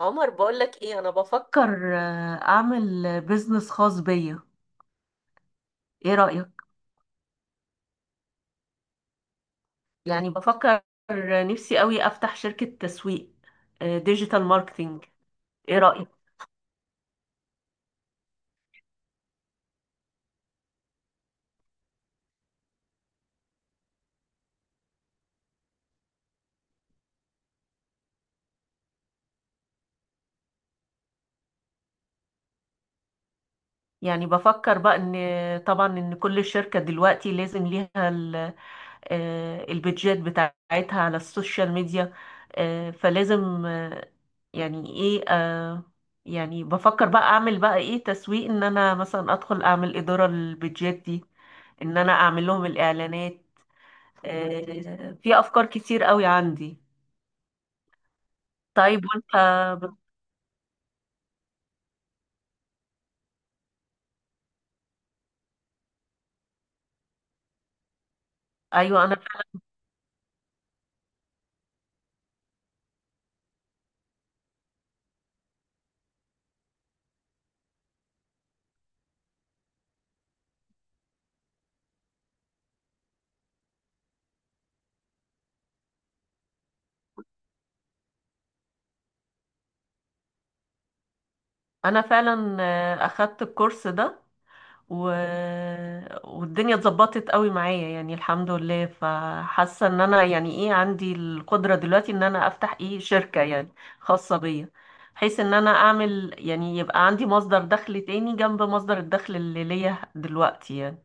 عمر بقولك ايه؟ انا بفكر اعمل بيزنس خاص بيا. ايه رأيك؟ يعني بفكر آه، نفسي قوي افتح شركة تسويق ديجيتال ماركتينج. ايه رأيك؟ يعني بفكر بقى ان طبعا ان كل شركة دلوقتي لازم ليها البيدجات بتاعتها على السوشيال ميديا. فلازم، يعني ايه، يعني بفكر بقى اعمل بقى ايه تسويق، ان انا مثلا ادخل اعمل ادارة للبيدجات دي، ان انا اعمل لهم الاعلانات. في افكار كتير قوي عندي. طيب وانت بت- ايوه انا، انا فعلا اخدت الكورس ده و... والدنيا اتظبطت قوي معايا يعني الحمد لله، فحاسه ان انا يعني ايه عندي القدره دلوقتي ان انا افتح ايه شركه يعني خاصه بيا، بحيث ان انا اعمل يعني يبقى عندي مصدر دخل تاني جنب مصدر الدخل اللي ليا دلوقتي يعني.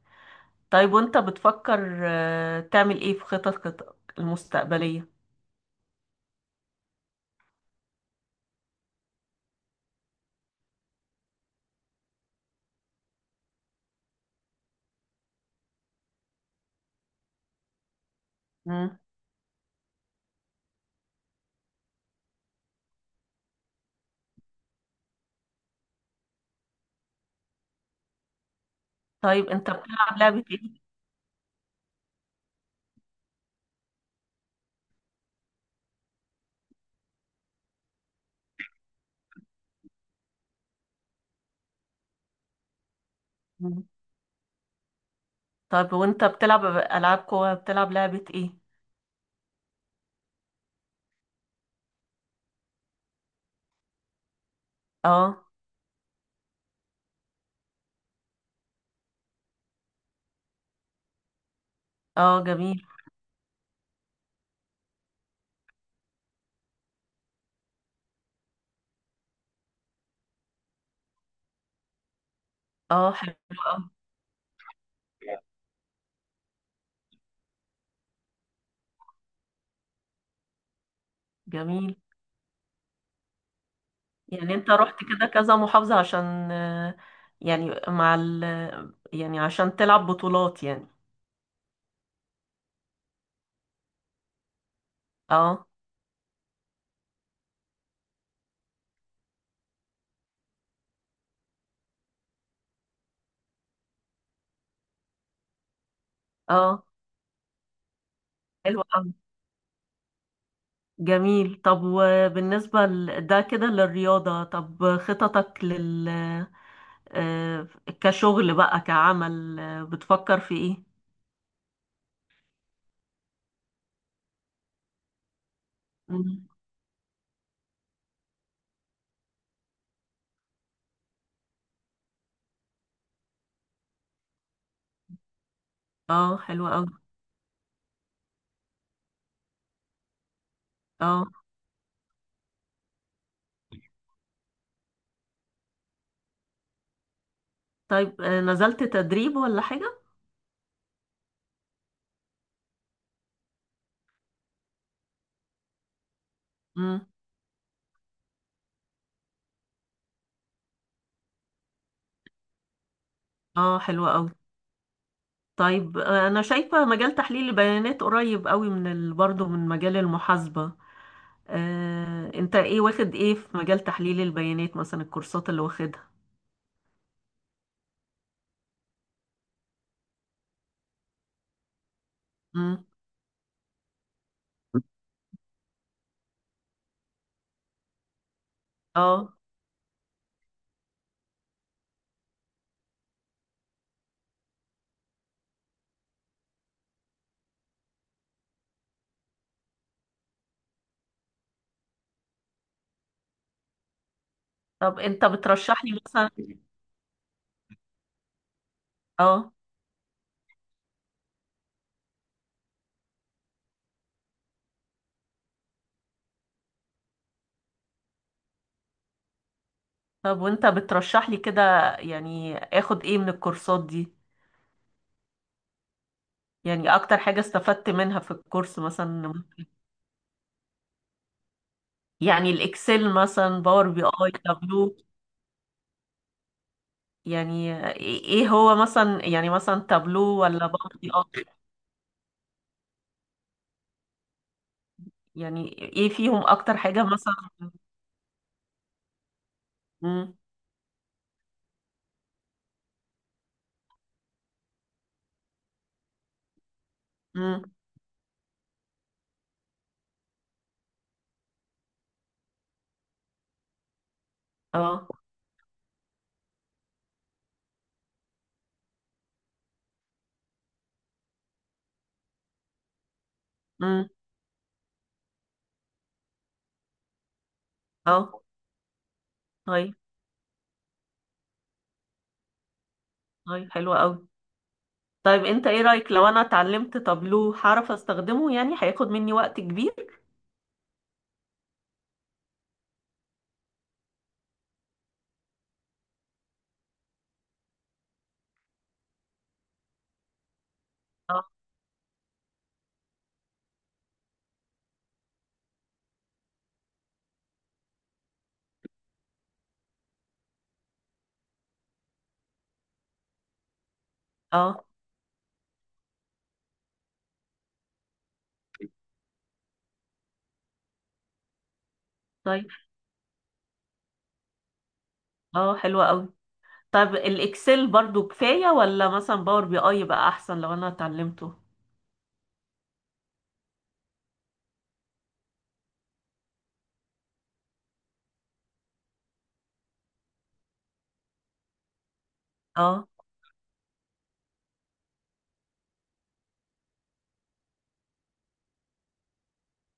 طيب وانت بتفكر تعمل ايه في خططك المستقبلية؟ مم. طيب انت بتلعب لعبة ايه؟ مم. طيب وانت بتلعب العاب قوى، بتلعب لعبة ايه؟ اه. اه جميل. اه حلو. اه جميل. يعني انت رحت كده كذا محافظة عشان، آه، يعني مع ال، يعني عشان تلعب بطولات يعني. اه. اه حلو قوي. جميل. طب وبالنسبة ده كده للرياضة، طب خططك لل، آه، كشغل بقى كعمل، بتفكر في ايه؟ مم. اه حلو قوي. اه طيب، نزلت تدريب ولا حاجة؟ مم. اه حلو قوي. طيب انا شايفة مجال تحليل البيانات قريب قوي من برضه من مجال المحاسبة. انت ايه واخد ايه في مجال تحليل البيانات، مثلا الكورسات اللي واخدها؟ مم. اه. طب انت بترشح لي مثلا؟ اه. طب وانت بترشح لي كده يعني اخد ايه من الكورسات دي؟ يعني اكتر حاجة استفدت منها في الكورس مثلا، يعني الاكسل مثلا، باور بي اي، تابلو، يعني ايه هو مثلا؟ يعني مثلا تابلو ولا باور بي اي؟ يعني ايه فيهم اكتر حاجة مثلا؟ امم. امم. اه. امم. اه. طيب. طيب حلو قوي. طيب انت ايه رأيك لو انا اتعلمت تابلو، هعرف استخدمه يعني؟ هياخد مني وقت كبير؟ اه. اه طيب. اه حلو قوي. طب الاكسل برضو كفاية ولا مثلا باور بي اي بقى احسن لو انا اتعلمته؟ اه.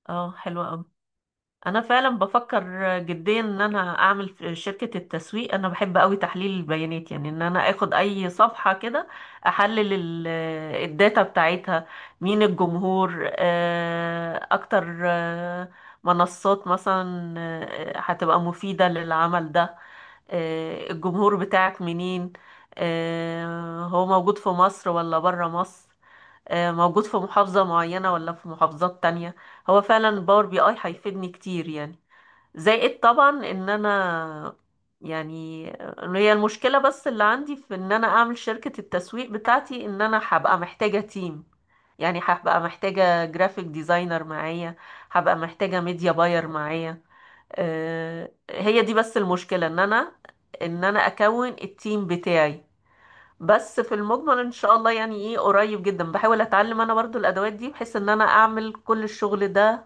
اه حلوة قوي. انا فعلا بفكر جديا ان انا اعمل في شركة التسويق، انا بحب قوي تحليل البيانات يعني، ان انا اخد اي صفحة كده احلل الداتا بتاعتها، مين الجمهور، اكتر، منصات مثلا هتبقى مفيدة للعمل ده، الجمهور بتاعك منين، هو موجود في مصر ولا برا مصر، موجود في محافظة معينة ولا في محافظات تانية. هو فعلا الباور بي اي هيفيدني كتير يعني، زائد طبعا ان انا يعني، إن هي المشكلة بس اللي عندي في ان انا اعمل شركة التسويق بتاعتي، ان انا هبقى محتاجة تيم، يعني هبقى محتاجة جرافيك ديزاينر معايا، هبقى محتاجة ميديا باير معايا. هي دي بس المشكلة، ان انا ان انا اكون التيم بتاعي. بس في المجمل ان شاء الله يعني ايه قريب جدا بحاول اتعلم انا برضو الادوات دي بحيث ان انا اعمل كل الشغل ده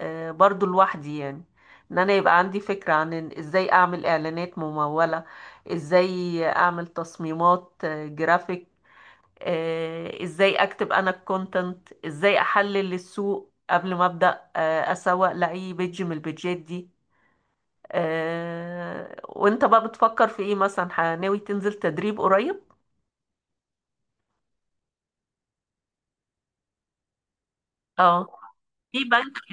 برضو لوحدي يعني، ان انا يبقى عندي فكرة عن إن ازاي اعمل اعلانات ممولة، ازاي اعمل تصميمات جرافيك، ازاي اكتب انا الكونتنت، ازاي احلل السوق قبل ما ابدا اسوق لاي بيج من البيجات دي. وانت بقى بتفكر في ايه مثلا؟ ناوي تنزل تدريب قريب؟ اه. في بنك.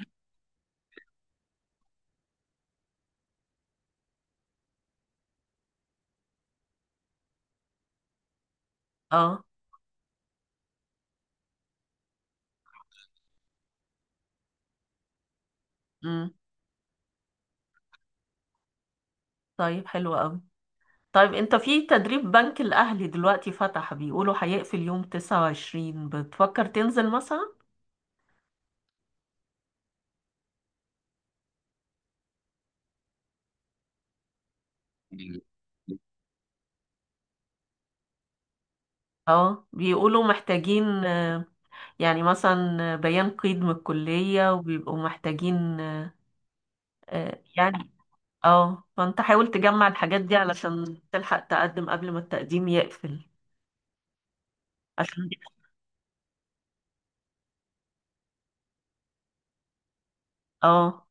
اه. امم. طيب حلو قوي. طيب انت في تدريب بنك الاهلي دلوقتي فتح، بيقولوا هيقفل يوم 29، بتفكر تنزل مثلا؟ اه. بيقولوا محتاجين يعني مثلا بيان قيد من الكلية، وبيبقوا محتاجين يعني. اه، فانت حاول تجمع الحاجات دي علشان تلحق تقدم قبل ما التقديم يقفل، عشان دي. اه.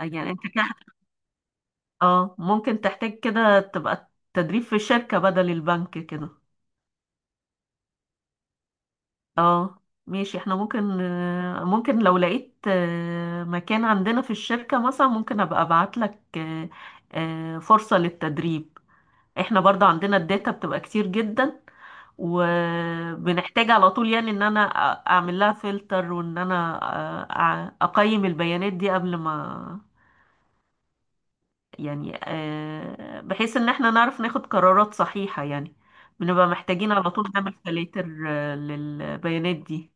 يعني انت كده، اه، ممكن تحتاج كده تبقى تدريب في شركة بدل البنك كده. اه ماشي. احنا ممكن ممكن لو لقيت مكان عندنا في الشركة مثلا، ممكن ابقى ابعت لك فرصة للتدريب. احنا برضه عندنا الداتا بتبقى كتير جدا، وبنحتاج على طول يعني ان انا اعمل لها فلتر، وان انا اقيم البيانات دي قبل ما يعني بحيث ان احنا نعرف ناخد قرارات صحيحة يعني. بنبقى محتاجين على طول نعمل فلاتر للبيانات دي.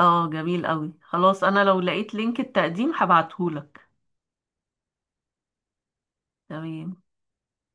اه جميل قوي. خلاص انا لو لقيت لينك التقديم هبعتهولك. تمام.